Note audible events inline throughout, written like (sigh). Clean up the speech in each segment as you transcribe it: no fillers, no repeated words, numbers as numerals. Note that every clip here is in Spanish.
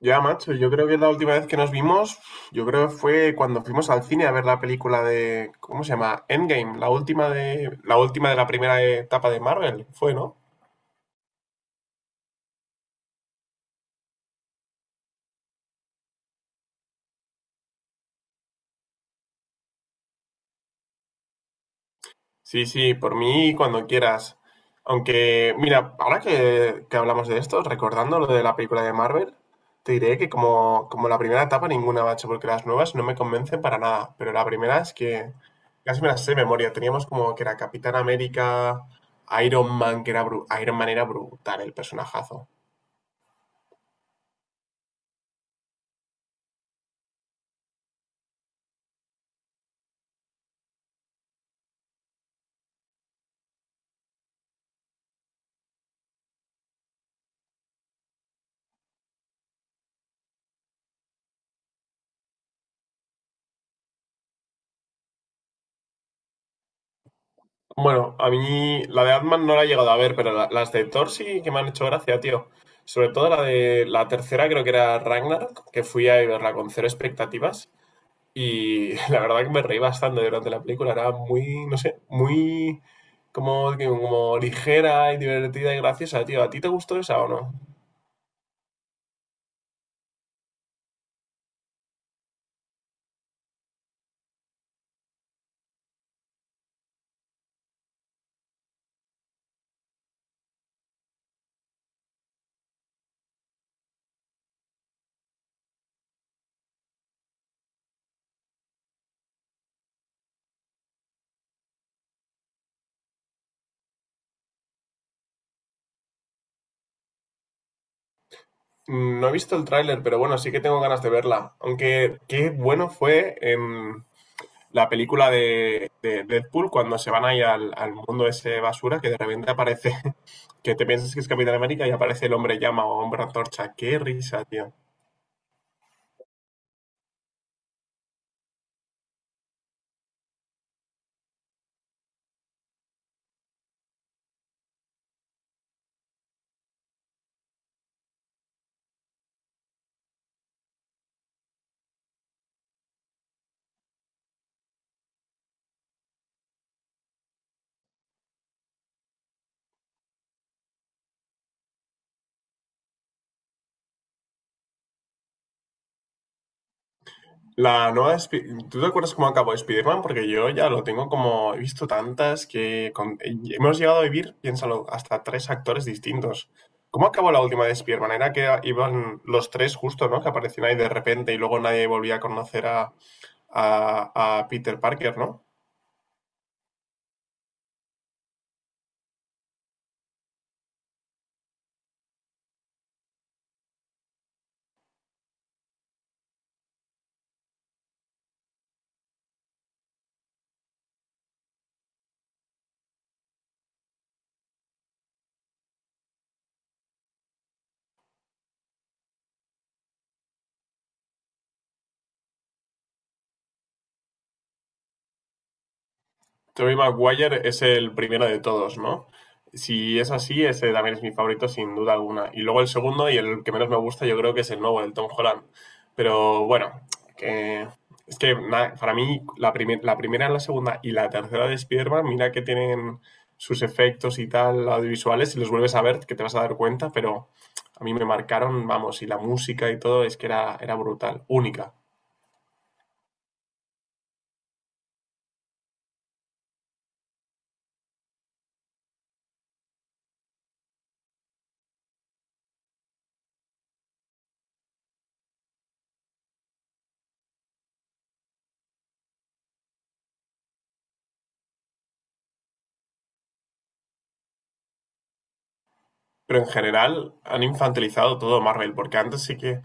Ya, macho, yo creo que la última vez que nos vimos, yo creo que fue cuando fuimos al cine a ver la película de, ¿cómo se llama? Endgame, la última de la primera etapa de Marvel, fue, ¿no? Sí, sí, por mí cuando quieras. Aunque, mira, ahora que hablamos de esto, recordando lo de la película de Marvel, te diré que como la primera etapa ninguna, macho, porque las nuevas no me convencen para nada. Pero la primera es que casi me las sé de memoria. Teníamos como que era Capitán América, Iron Man, que era Iron Man era brutal el personajazo. Bueno, a mí la de Ant-Man no la he llegado a ver, pero las de Thor sí que me han hecho gracia, tío. Sobre todo la de la tercera, creo que era Ragnarok, que fui a verla con cero expectativas y (laughs) la verdad que me reí bastante durante la película. Era muy, no sé, muy como ligera y divertida y graciosa, tío. ¿A ti te gustó esa o no? No he visto el tráiler, pero bueno, sí que tengo ganas de verla. Aunque qué bueno fue en la película de Deadpool cuando se van ahí al mundo ese basura que de repente aparece, (laughs) que te piensas que es Capitán América y aparece el hombre llama o hombre antorcha. Qué risa, tío. La nueva. ¿Tú te acuerdas cómo acabó Spider-Man? Porque yo ya lo tengo como. He visto tantas que. Hemos llegado a vivir, piénsalo, hasta tres actores distintos. ¿Cómo acabó la última de Spider-Man? Era que iban los tres justo, ¿no? Que aparecían ahí de repente y luego nadie volvía a conocer a, a Peter Parker, ¿no? Tobey Maguire es el primero de todos, ¿no? Si es así, ese también es mi favorito sin duda alguna. Y luego el segundo y el que menos me gusta yo creo que es el nuevo, el Tom Holland. Pero bueno, que... es que para mí la primera, la segunda y la tercera de Spider-Man, mira que tienen sus efectos y tal audiovisuales, si los vuelves a ver que te vas a dar cuenta, pero a mí me marcaron, vamos, y la música y todo es que era brutal, única. Pero en general han infantilizado todo Marvel, porque antes sí que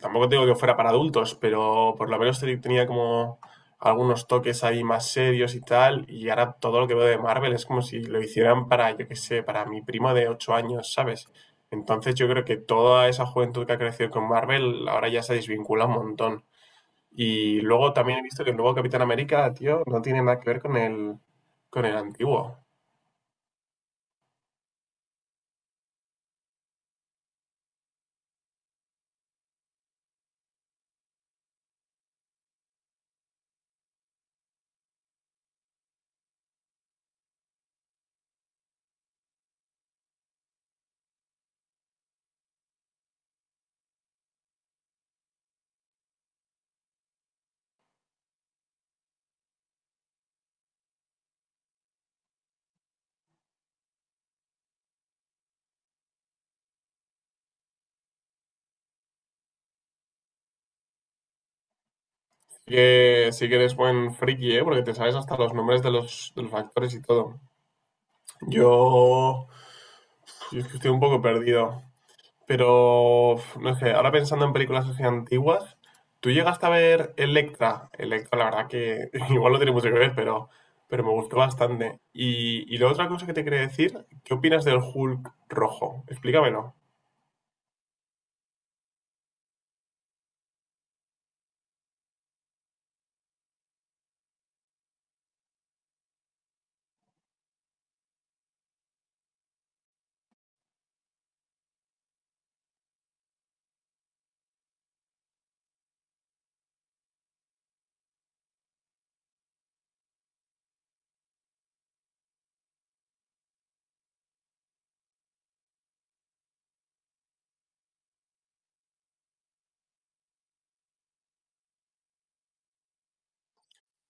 tampoco digo que fuera para adultos, pero por lo menos tenía como algunos toques ahí más serios y tal, y ahora todo lo que veo de Marvel es como si lo hicieran para, yo qué sé, para mi primo de 8 años, ¿sabes? Entonces yo creo que toda esa juventud que ha crecido con Marvel ahora ya se desvincula un montón. Y luego también he visto que el nuevo Capitán América, tío, no tiene nada que ver con el antiguo. Sí que eres buen friki, ¿eh? Porque te sabes hasta los nombres de los actores y todo. Yo... Yo es que estoy un poco perdido. Pero, uf, no sé, ahora pensando en películas así antiguas, ¿tú llegaste a ver Electra? Electra, la verdad que (laughs) igual no tiene mucho que ver, pero me gustó bastante. Y la otra cosa que te quería decir, ¿qué opinas del Hulk rojo? Explícamelo.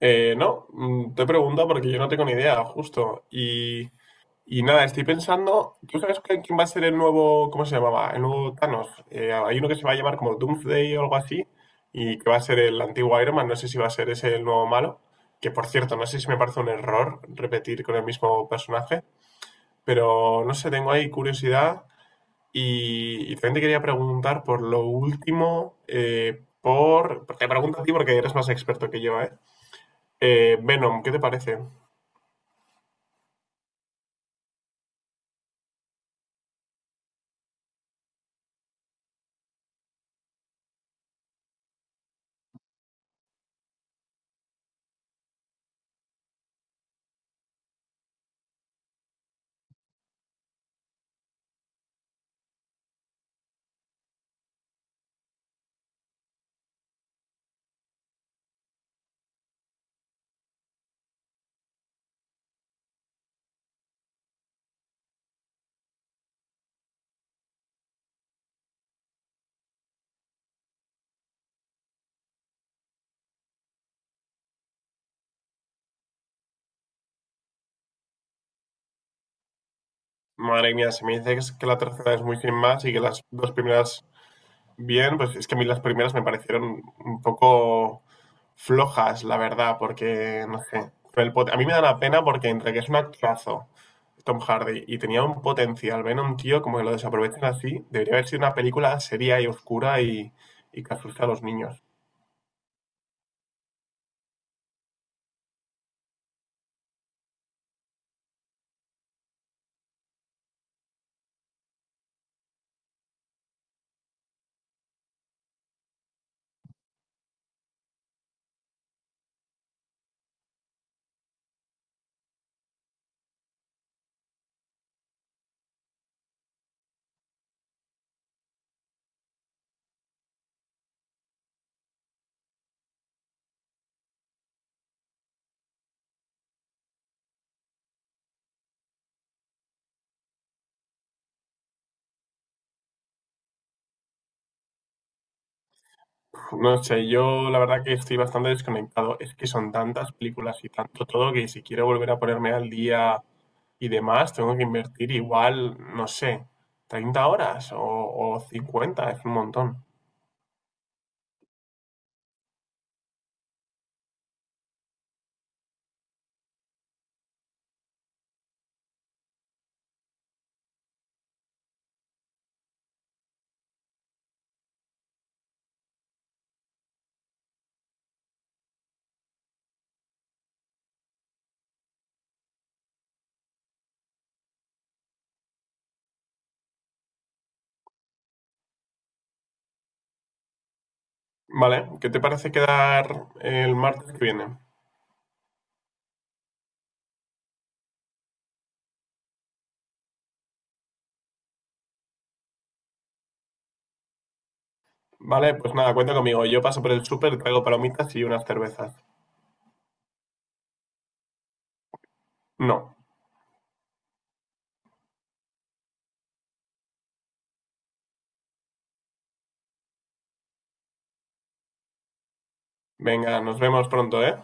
No, te pregunto porque yo no tengo ni idea, justo. Y, y nada, estoy pensando, ¿tú sabes quién va a ser el nuevo, cómo se llamaba? El nuevo Thanos. Hay uno que se va a llamar como Doomsday o algo así, y que va a ser el antiguo Iron Man, no sé si va a ser ese el nuevo malo, que por cierto, no sé si me parece un error repetir con el mismo personaje, pero no sé, tengo ahí curiosidad y también te quería preguntar por lo último, por... Te pregunto a ti porque eres más experto que yo, ¿eh? Venom, ¿qué te parece? Madre mía, se me dice que que la tercera es muy sin más y que las dos primeras. Bien, pues es que a mí las primeras me parecieron un poco flojas, la verdad, porque, no sé, con el a mí me da la pena porque entre que es un actorazo Tom Hardy y tenía un potencial, ven a un tío como que lo desaprovechan así, debería haber sido una película seria y oscura y que asusta a los niños. No sé, yo la verdad que estoy bastante desconectado. Es que son tantas películas y tanto todo que si quiero volver a ponerme al día y demás, tengo que invertir igual, no sé, 30 horas o 50 horas, es un montón. Vale, ¿qué te parece quedar el martes que viene? Vale, pues nada, cuenta conmigo. Yo paso por el súper, traigo palomitas y unas cervezas. No. Venga, nos vemos pronto, ¿eh?